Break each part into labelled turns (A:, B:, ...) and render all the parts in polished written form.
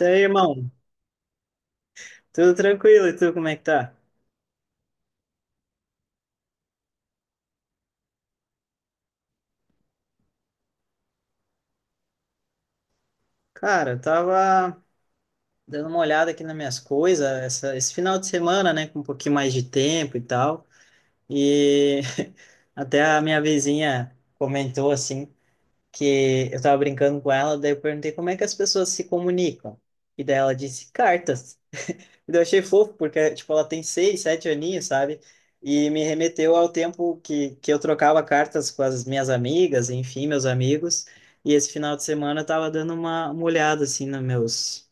A: E aí, irmão? Tudo tranquilo? E tu, como é que tá? Cara, eu tava dando uma olhada aqui nas minhas coisas esse final de semana, né? Com um pouquinho mais de tempo e tal. E até a minha vizinha comentou, assim, que eu tava brincando com ela, daí eu perguntei como é que as pessoas se comunicam. E daí ela disse cartas. E daí eu achei fofo, porque, tipo, ela tem seis, sete aninhos, sabe? E me remeteu ao tempo que eu trocava cartas com as minhas amigas, enfim, meus amigos. E esse final de semana eu tava dando uma olhada, assim, nos meus,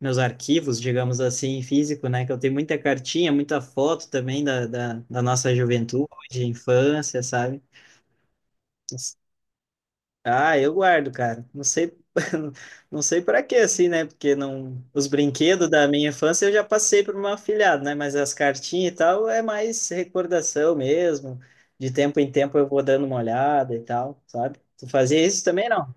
A: meus arquivos, digamos assim, físico, né? Que eu tenho muita cartinha, muita foto também da nossa juventude, infância, sabe? Ah, eu guardo, cara. Não sei, não sei para quê, assim, né? Porque não, os brinquedos da minha infância eu já passei para uma meu afilhado, né? Mas as cartinhas e tal é mais recordação mesmo. De tempo em tempo eu vou dando uma olhada e tal, sabe? Tu fazia isso também, não?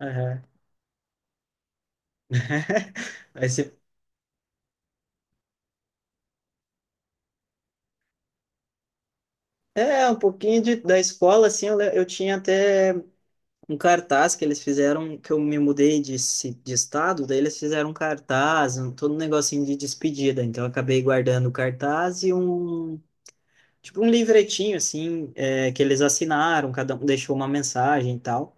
A: Aham. Mas é, um pouquinho de, da escola, assim, eu, eu tinha até um cartaz que eles fizeram, que eu me mudei de, de estado, daí eles fizeram um cartaz, um, todo um negocinho de despedida. Então eu acabei guardando o cartaz e um, tipo, um livretinho, assim, é, que eles assinaram, cada um deixou uma mensagem e tal.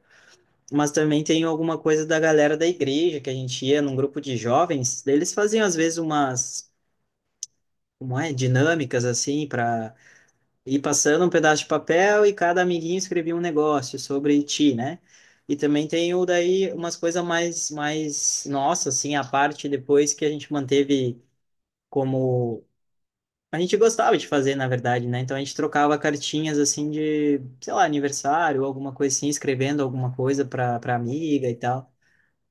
A: Mas também tem alguma coisa da galera da igreja, que a gente ia num grupo de jovens, daí eles faziam às vezes umas, como é, dinâmicas, assim, para e passando um pedaço de papel e cada amiguinho escrevia um negócio sobre ti, né? E também tem o daí umas coisas mais nossa assim, a parte depois que a gente manteve como a gente gostava de fazer, na verdade, né? Então a gente trocava cartinhas assim de, sei lá, aniversário, alguma coisa assim, escrevendo alguma coisa para amiga e tal,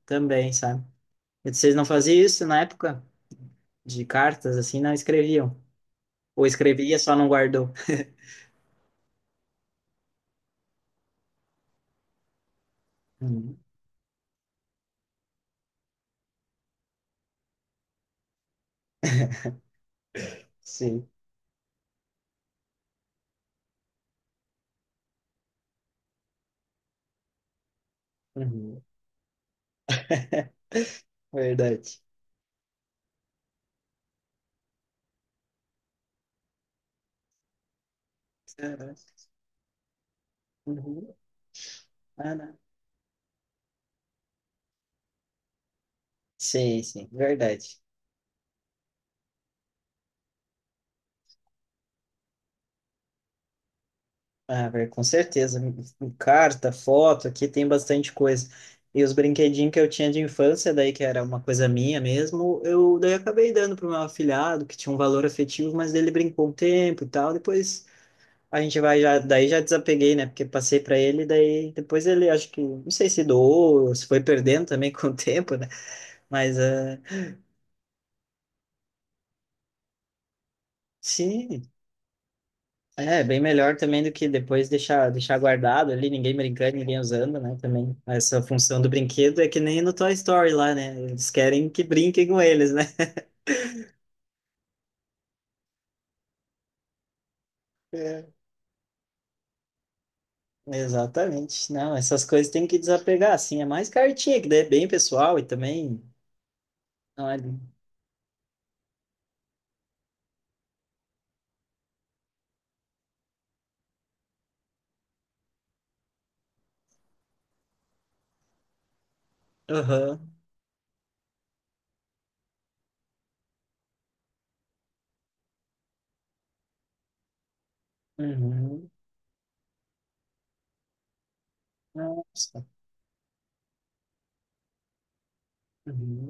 A: também, sabe? E vocês não faziam isso na época de cartas assim, não escreviam. Ou escrevia, só não guardou. Uhum. Sim. Uhum. Verdade. Caraca. Uhum. Ah, não. Sim, sim, verdade. Ah, com certeza. Carta, foto, aqui tem bastante coisa. E os brinquedinhos que eu tinha de infância, daí que era uma coisa minha mesmo, eu daí acabei dando para o meu afilhado, que tinha um valor afetivo, mas ele brincou um tempo e tal. Depois a gente vai já, daí já desapeguei, né? Porque passei para ele, daí depois ele acho que, não sei se doou, se foi perdendo também com o tempo, né? Mas ah, sim. É, bem melhor também do que depois deixar, deixar guardado ali, ninguém brincando, ninguém usando, né? Também essa função do brinquedo é que nem no Toy Story lá, né? Eles querem que brinquem com eles, né? É. Exatamente. Não, essas coisas tem que desapegar, assim. É mais cartinha, que daí é bem pessoal e também. Olha. Aham. Uhum. Nossa. Uhum.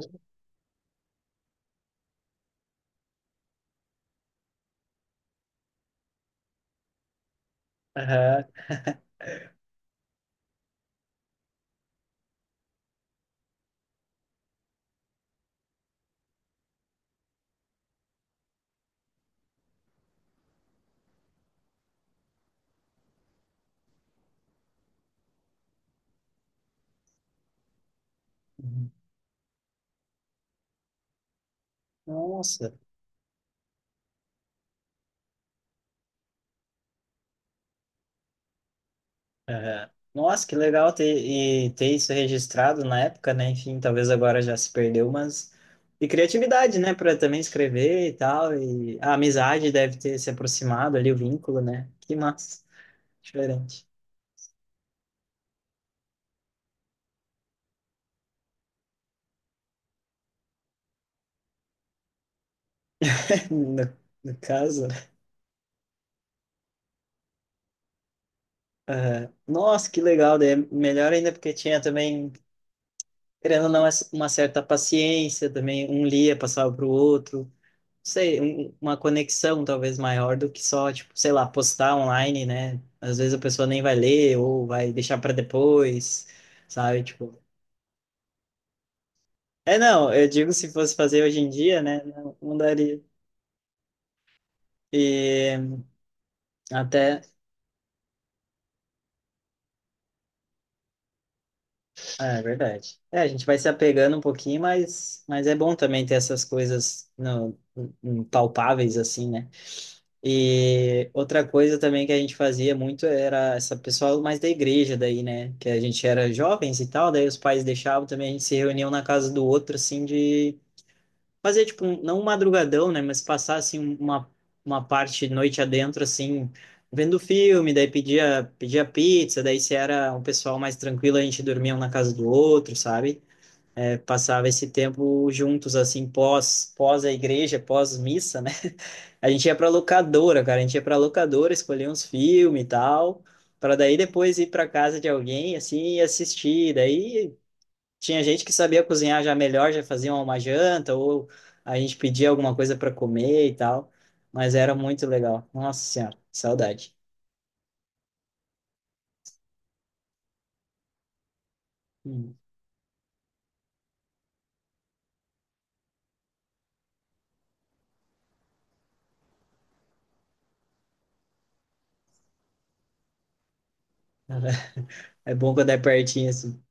A: Aham. Nossa. Aham. Nossa, que legal ter, e ter isso registrado na época, né? Enfim, talvez agora já se perdeu, mas. E criatividade, né? Para também escrever e tal. E a amizade deve ter se aproximado ali, o vínculo, né? Que massa. Diferente. No, no caso. Né? Nossa, que legal. Daí é melhor ainda porque tinha também, querendo ou não, uma certa paciência também. Um lia, passava para o outro. Sei, uma conexão talvez maior do que só, tipo, sei lá, postar online, né? Às vezes a pessoa nem vai ler ou vai deixar para depois, sabe? Tipo, é não, eu digo se fosse fazer hoje em dia, né? Não, não daria. E até, é, é verdade. É, a gente vai se apegando um pouquinho, mas é bom também ter essas coisas palpáveis assim, né? E outra coisa também que a gente fazia muito era essa pessoal mais da igreja daí, né? Que a gente era jovens e tal, daí os pais deixavam também, a gente se reuniam na casa do outro, assim, de fazer, tipo, não um madrugadão, né? Mas passar, assim, um, uma parte noite adentro, assim, vendo filme, daí pedia pizza, daí se era um pessoal mais tranquilo, a gente dormia um na casa do outro, sabe? É, passava esse tempo juntos, assim, pós a igreja, pós missa, né? A gente ia pra locadora, cara. A gente ia pra locadora, escolher uns filmes e tal, pra daí depois ir pra casa de alguém, assim, e assistir. Daí tinha gente que sabia cozinhar já melhor, já fazia uma janta, ou a gente pedia alguma coisa pra comer e tal. Mas era muito legal. Nossa Senhora, saudade. Hum. É bom quando é pertinho, assim.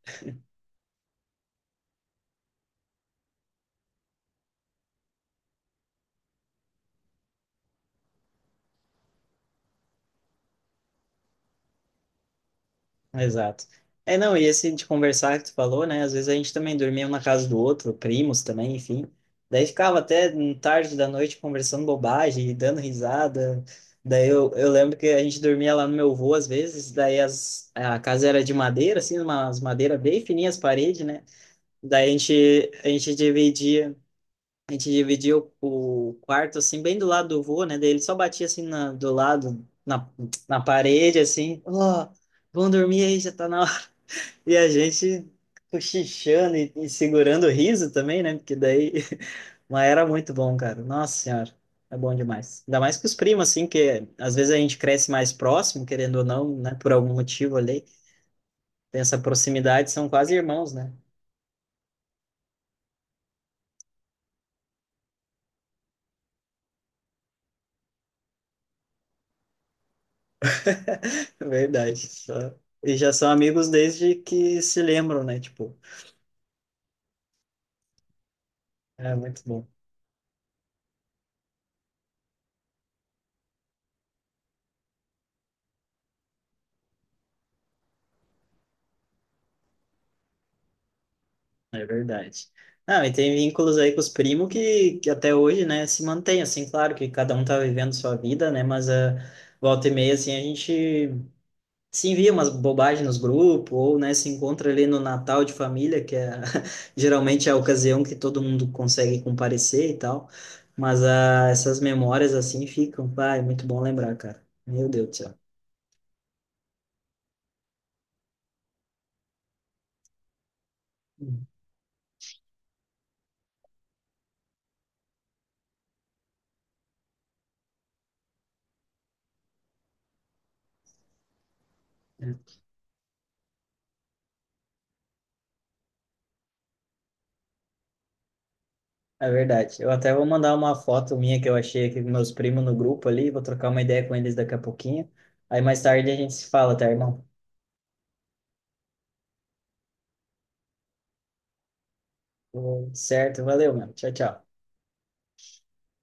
A: Exato. É, não, e esse de conversar que tu falou, né? Às vezes a gente também dormia um na casa do outro, primos também, enfim. Daí ficava até tarde da noite conversando bobagem, dando risada. Daí eu lembro que a gente dormia lá no meu avô às vezes, daí as, a casa era de madeira, assim, umas madeira bem fininhas as paredes, né? Daí a gente dividia, a gente dividia o quarto, assim, bem do lado do vô, né? Daí ele só batia, assim, na, do lado, na, na parede, assim, ó, vão dormir aí, já tá na e a gente cochichando e segurando o riso também, né? Porque daí. Mas era muito bom, cara. Nossa Senhora, é bom demais. Ainda mais com os primos, assim, que às vezes a gente cresce mais próximo, querendo ou não, né? Por algum motivo ali. Tem essa proximidade, são quase irmãos, né? Verdade. E já são amigos desde que se lembram, né? Tipo, é muito bom. É verdade. Não, e tem vínculos aí com os primos que até hoje, né, se mantém, assim, claro que cada um tá vivendo sua vida, né, mas a volta e meia, assim, a gente se envia umas bobagens nos grupos, ou, né, se encontra ali no Natal de família, que é geralmente é a ocasião que todo mundo consegue comparecer e tal, mas ah, essas memórias, assim, ficam, vai, muito bom lembrar, cara. Meu Deus do céu. É verdade. Eu até vou mandar uma foto minha que eu achei aqui com meus primos no grupo ali. Vou trocar uma ideia com eles daqui a pouquinho. Aí mais tarde a gente se fala, tá, irmão? Tudo certo, valeu, mano. Tchau, tchau.